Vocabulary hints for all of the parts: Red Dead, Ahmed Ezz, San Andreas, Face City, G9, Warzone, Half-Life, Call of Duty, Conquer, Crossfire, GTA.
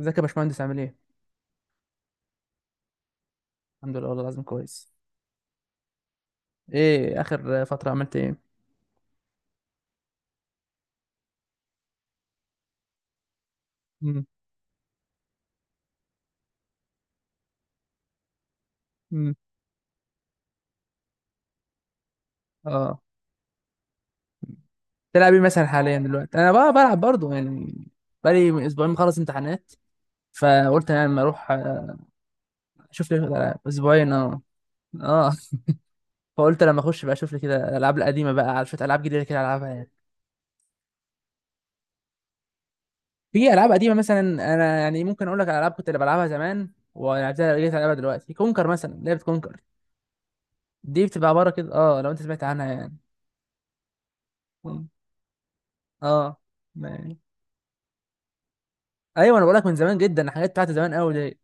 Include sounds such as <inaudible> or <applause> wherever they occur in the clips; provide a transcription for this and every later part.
ازيك يا باشمهندس، عامل ايه؟ الحمد لله، والله العظيم كويس. ايه اخر فترة، عملت ايه؟ امم. امم. اه. تلعب ايه مثلا حاليا دلوقتي؟ انا بقى بلعب برضه يعني، بقالي اسبوعين مخلص امتحانات. فقلت يعني لما اروح اشوف لي العاب اسبوعين، اه. اه، فقلت لما اخش بقى اشوف لي كده الالعاب القديمة بقى، على شوية العاب جديدة كده العبها يعني. في العاب قديمة مثلا، انا يعني ممكن اقول لك على العاب كنت اللي بلعبها زمان ولعبتها، رجعت العبها دلوقتي. كونكر مثلا، لعبة كونكر دي بتبقى عبارة كده، اه، لو انت سمعت عنها يعني. اه، ما- ايوه، انا بقولك من زمان جدا، الحاجات بتاعت زمان قوي دي.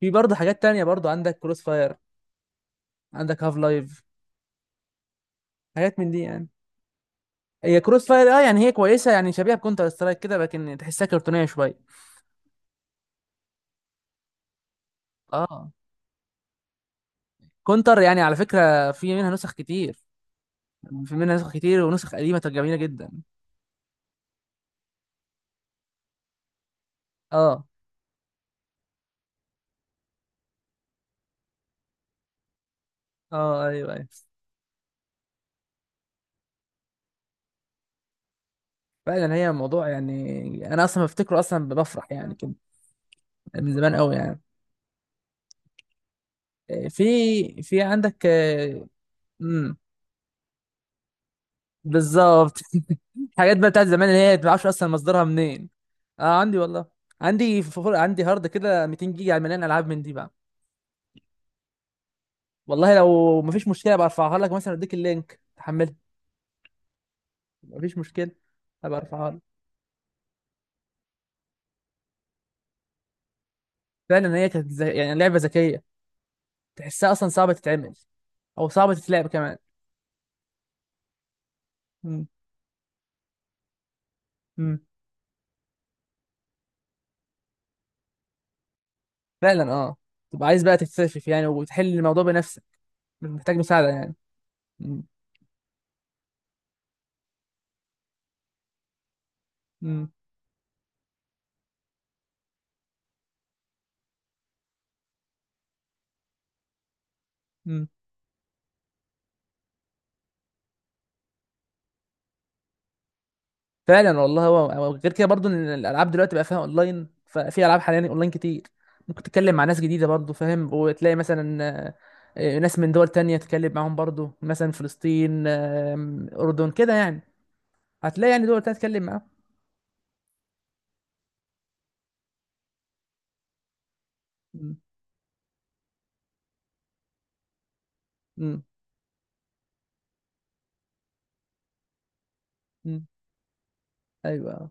في برضه حاجات تانية، برضه عندك كروس فاير، عندك هاف لايف، حاجات من دي يعني. هي كروس فاير، اه يعني هي كويسه يعني، شبيهه بكونتر سترايك كده، لكن تحسها كرتونيه شويه. اه. كونتر يعني على فكره في منها نسخ كتير، في منها نسخ كتير ونسخ قديمه جميله جدا. اه. اه، ايوه، ايوه. فعلا هي موضوع، يعني انا اصلا بفتكره، اصلا بفرح يعني كده، من زمان قوي يعني. في عندك. امم. بالظبط. <laughs> الحاجات بقى بتاعت زمان، اللي هي ما تعرفش اصلا مصدرها منين. اه، عندي والله. عندي فخور، عندي هارد كده 200 جيجا مليان العاب من دي بقى. والله لو مفيش مشكله برفعها لك، مثلا اديك اللينك تحملها. مفيش مشكله، هبقى ارفعها لك. فعلا هي كانت زي يعني لعبه ذكيه، تحسها اصلا صعبه تتعمل، او صعبه تتلعب كمان. مم. مم. فعلا، اه، تبقى عايز بقى تكتشف يعني وتحل الموضوع بنفسك، مش محتاج مساعده يعني. مم. مم. مم. فعلا والله، هو غير كده برضو، ان الالعاب دلوقتي بقى فيها اونلاين، ففي العاب حاليا اونلاين كتير. ممكن تتكلم مع ناس جديده برضو، فاهم، وتلاقي مثلا ناس من دول تانية تتكلم معاهم برضو، مثلا فلسطين، اردن كده يعني. هتلاقي يعني دول تانية تتكلم معاهم. م- م- م. ايوه.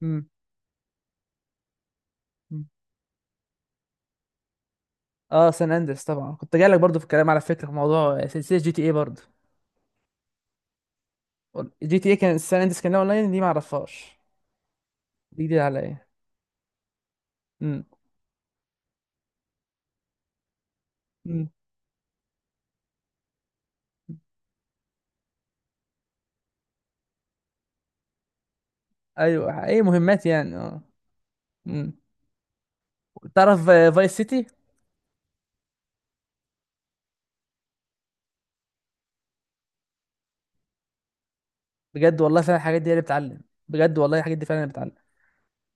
م- م. اه، سان اندرس طبعا، كنت جاي لك برضو في الكلام، على فكره في موضوع سلسله جي تي اي برضو. جي تي اي كان سان اندرس كان لها اونلاين؟ دي ما اعرفهاش، دي جديده عليا. م- م. ايوه، اي مهمات يعني، اه. م. تعرف فايس سيتي؟ بجد والله، فعلا الحاجات دي هي اللي بتعلم. بجد والله، الحاجات دي فعلا اللي بتعلم.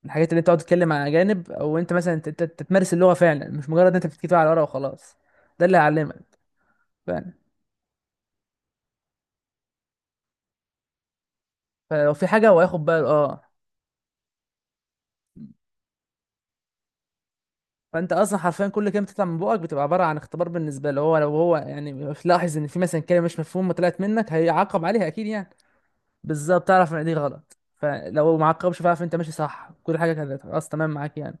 الحاجات اللي بتقعد تتكلم مع اجانب، او انت مثلا تتمارس اللغه فعلا، مش مجرد إن انت بتكتبها على ورقه وخلاص. ده اللي هيعلمك، فعلا. فلو في حاجه هو هياخد باله، اه. فانت اصلا حرفيا كل كلمه بتطلع من بقك بتبقى عباره عن اختبار بالنسبه له. هو لو هو يعني لاحظ ان في مثلا كلمه مش مفهومه طلعت منك، هيعاقب عليها اكيد يعني. بالظبط، تعرف ان دي غلط، فلو ما عاقبش فاعرف انت ماشي صح، كل حاجه كانت خلاص تمام معاك يعني.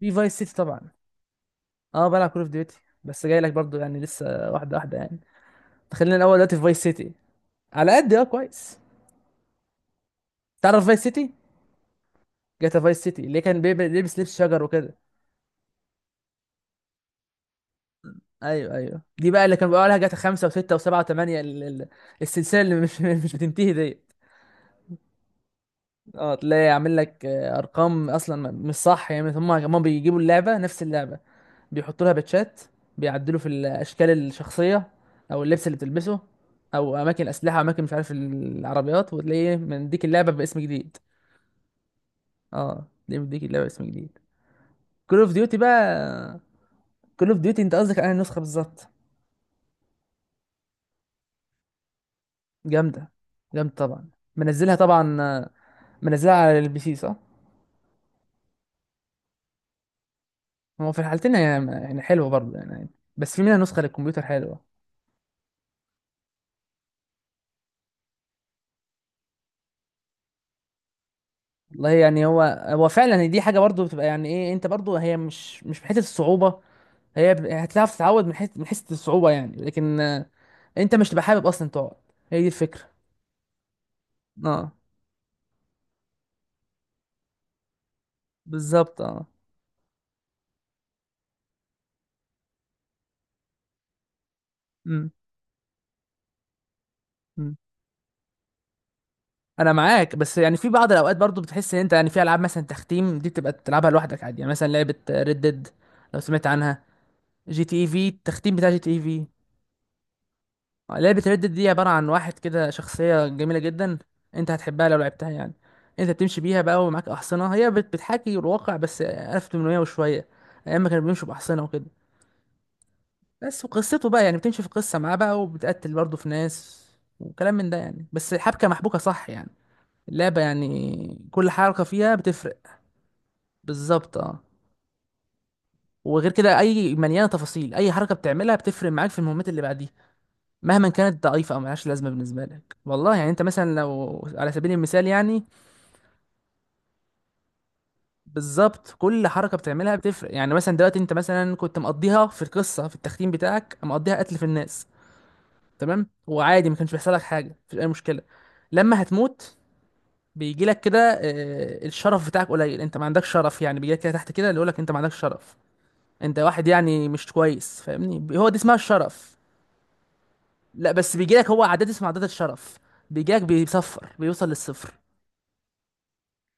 في فايس سيتي طبعا. اه، بلعب كول اوف ديوتي، بس جاي لك برضو يعني، لسه واحده واحده يعني. خلينا الاول دلوقتي في فايس سيتي. على قد، اه، كويس. تعرف فايس سيتي؟ جاتا فايس سيتي اللي كان بيلبس لبس شجر وكده. ايوه، ايوه، دي بقى اللي كان بيقولها جاتا خمسة وستة وسبعة وثمانية، السلسله اللي مش <laughs> مش بتنتهي ديت. اه، تلاقي عامل لك ارقام اصلا مش صح يعني، هم بيجيبوا اللعبه نفس اللعبه، بيحطوا لها باتشات، بيعدلوا في الاشكال الشخصيه، او اللبس اللي بتلبسه، او اماكن اسلحه، اماكن مش عارف العربيات، وتلاقيه من ديك اللعبه باسم جديد. اه، دي من ديك اللعبه باسم جديد، كول اوف ديوتي بقى. كول اوف ديوتي، انت قصدك على النسخه بالظبط؟ جامده، جامده طبعا. منزلها طبعا، منزلها على البي سي صح؟ هو في الحالتين، يعني حلوه برضه يعني، بس في منها نسخه للكمبيوتر حلوه. والله يعني هو فعلا دي حاجه برضه بتبقى يعني ايه، انت برضه هي مش في حته الصعوبه. هي هتعرف تتعود من حيث الصعوبة يعني، لكن انت مش تبقى حابب اصلا تقعد، هي دي الفكرة. اه، بالظبط، اه. امم. أمم. انا معاك، بس يعني في بعض الاوقات برضو بتحس ان انت يعني، في العاب مثلا تختيم دي بتبقى تلعبها لوحدك عادي يعني، مثلا لعبة ريد ديد، لو سمعت عنها. جي تي اي في، التختيم بتاع جي تي اي في. لعبة ريد ديد دي عبارة عن واحد كده، شخصية جميلة جدا، انت هتحبها لو لعبتها يعني. انت بتمشي بيها بقى ومعاك احصنة، هي بتحاكي الواقع بس 1800 وشوية، ايام ما كانوا بيمشوا باحصنة وكده. بس وقصته بقى يعني بتمشي في قصة معاه بقى، وبتقتل برضه في ناس وكلام من ده يعني، بس حبكة محبوكة صح يعني، اللعبة يعني كل حركة فيها بتفرق. بالظبط، اه. وغير كده اي مليانة تفاصيل، اي حركة بتعملها بتفرق معاك في المهمات اللي بعديها، مهما كانت ضعيفة او ملهاش لازمة بالنسبة لك، والله يعني. انت مثلا لو على سبيل المثال يعني، بالظبط، كل حركة بتعملها بتفرق يعني. مثلا دلوقتي انت مثلا كنت مقضيها في القصة، في التختيم بتاعك مقضيها قتل في الناس، تمام، وعادي ما كانش بيحصل لك حاجه، مفيش اي مشكله. لما هتموت، بيجي لك كده الشرف بتاعك قليل، انت ما عندكش شرف يعني، بيجي لك كده تحت كده اللي يقول لك انت ما عندكش شرف، انت واحد يعني مش كويس، فاهمني، هو دي اسمها الشرف. لا، بس بيجي لك هو عادات اسمها عادات الشرف، بيجي لك بيصفر، بيوصل للصفر.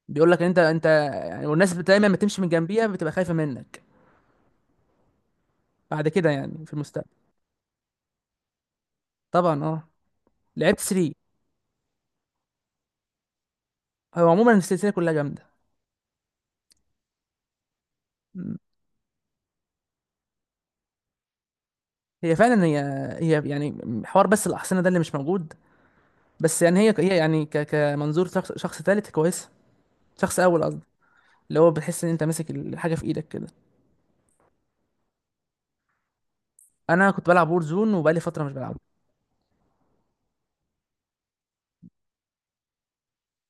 بيقول لك انت يعني، والناس دايما ما تمشي من جنبيها بتبقى خايفه منك، بعد كده يعني في المستقبل. طبعا، اه، لعبت 3. هو عموما السلسله كلها جامده. مم. هي فعلا هي، هي يعني حوار، بس الاحصنه ده اللي مش موجود. بس يعني هي يعني كمنظور شخص تالت كويس. شخص اول قصدي، اللي هو بتحس ان انت ماسك الحاجه في ايدك كده. انا كنت بلعب وور زون، وبقالي فتره مش بلعبها.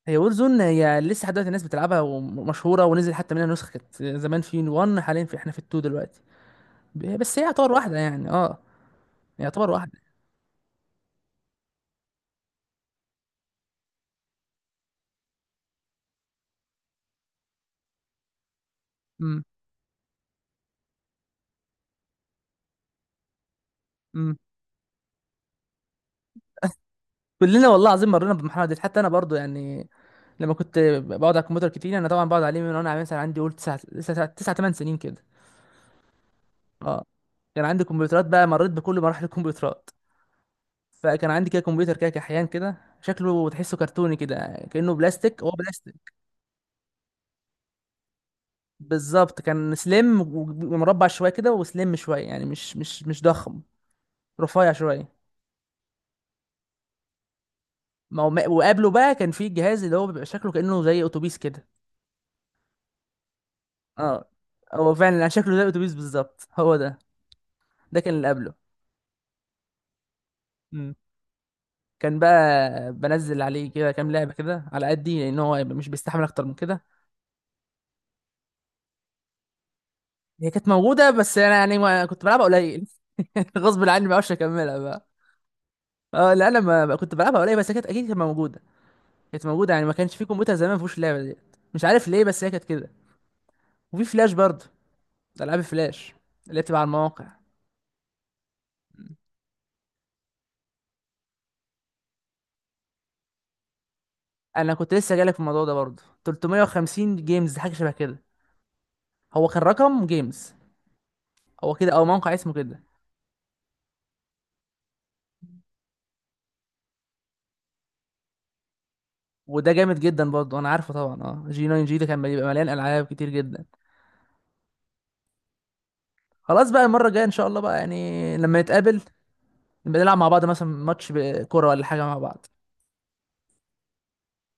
هي وور زون هي لسه لحد دلوقتي الناس بتلعبها ومشهوره، ونزل حتى منها نسخه، كانت زمان في 1، حاليا في احنا في 2 دلوقتي. بس هي يعتبر واحده يعني، اه، يعتبر واحده. امم. امم. كلنا والله العظيم مرينا بالمرحله دي، حتى انا برضو يعني، لما كنت بقعد على الكمبيوتر كتير. انا طبعا بقعد عليه من وانا مثلا عندي قول 9، 9 8 سنين كده. اه، كان عندي كمبيوترات بقى، مريت بكل مراحل الكمبيوترات. فكان عندي كده كمبيوتر كده كحيان كده، شكله تحسه كرتوني كده، كأنه بلاستيك، هو بلاستيك. بالظبط، كان سليم ومربع شويه كده، وسليم شويه يعني، مش ضخم، رفيع شويه. ما هو، وقبله بقى كان في جهاز اللي هو بيبقى شكله كأنه زي اتوبيس كده. اه، هو فعلا يعني شكله زي اتوبيس بالظبط، هو ده. ده كان اللي قبله. مم. كان بقى بنزل عليه كده كام لعبه كده على قدي، لان هو مش بيستحمل اكتر من كده. هي كانت موجودة، بس أنا يعني ما كنت بلعبها قليل. <laughs> غصب عني، ما بعرفش أكملها بقى. اه لا، أنا ما كنت بلعبها قليل، بس هي كانت أكيد كانت موجودة. كانت موجودة يعني، ما كانش في كمبيوتر زمان ما فيهوش اللعبة دي. مش عارف ليه، بس هي كانت كده. وفي فلاش برضه، ألعاب فلاش، اللي بتبقى على المواقع. أنا كنت لسه جايلك في الموضوع ده برضه، 350 جيمز حاجة شبه كده. هو كان رقم جيمز، هو كده، أو موقع اسمه كده. وده جامد جدا برضه، أنا عارفه طبعا، اه، جي 9 جي ده كان بيبقى مليان ألعاب كتير جدا. خلاص بقى، المرة الجاية إن شاء الله بقى يعني لما نتقابل، بنلعب مع بعض مثلا ماتش كوره ولا حاجه مع بعض.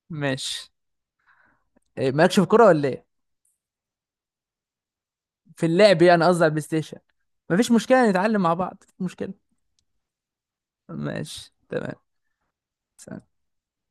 ماشي. إيه، مالكش في الكوره ولا ايه؟ في اللعب يعني، قصدي على البلاي ستيشن. مفيش مشكله، نتعلم مع بعض، مفيش مشكله. ماشي، تمام.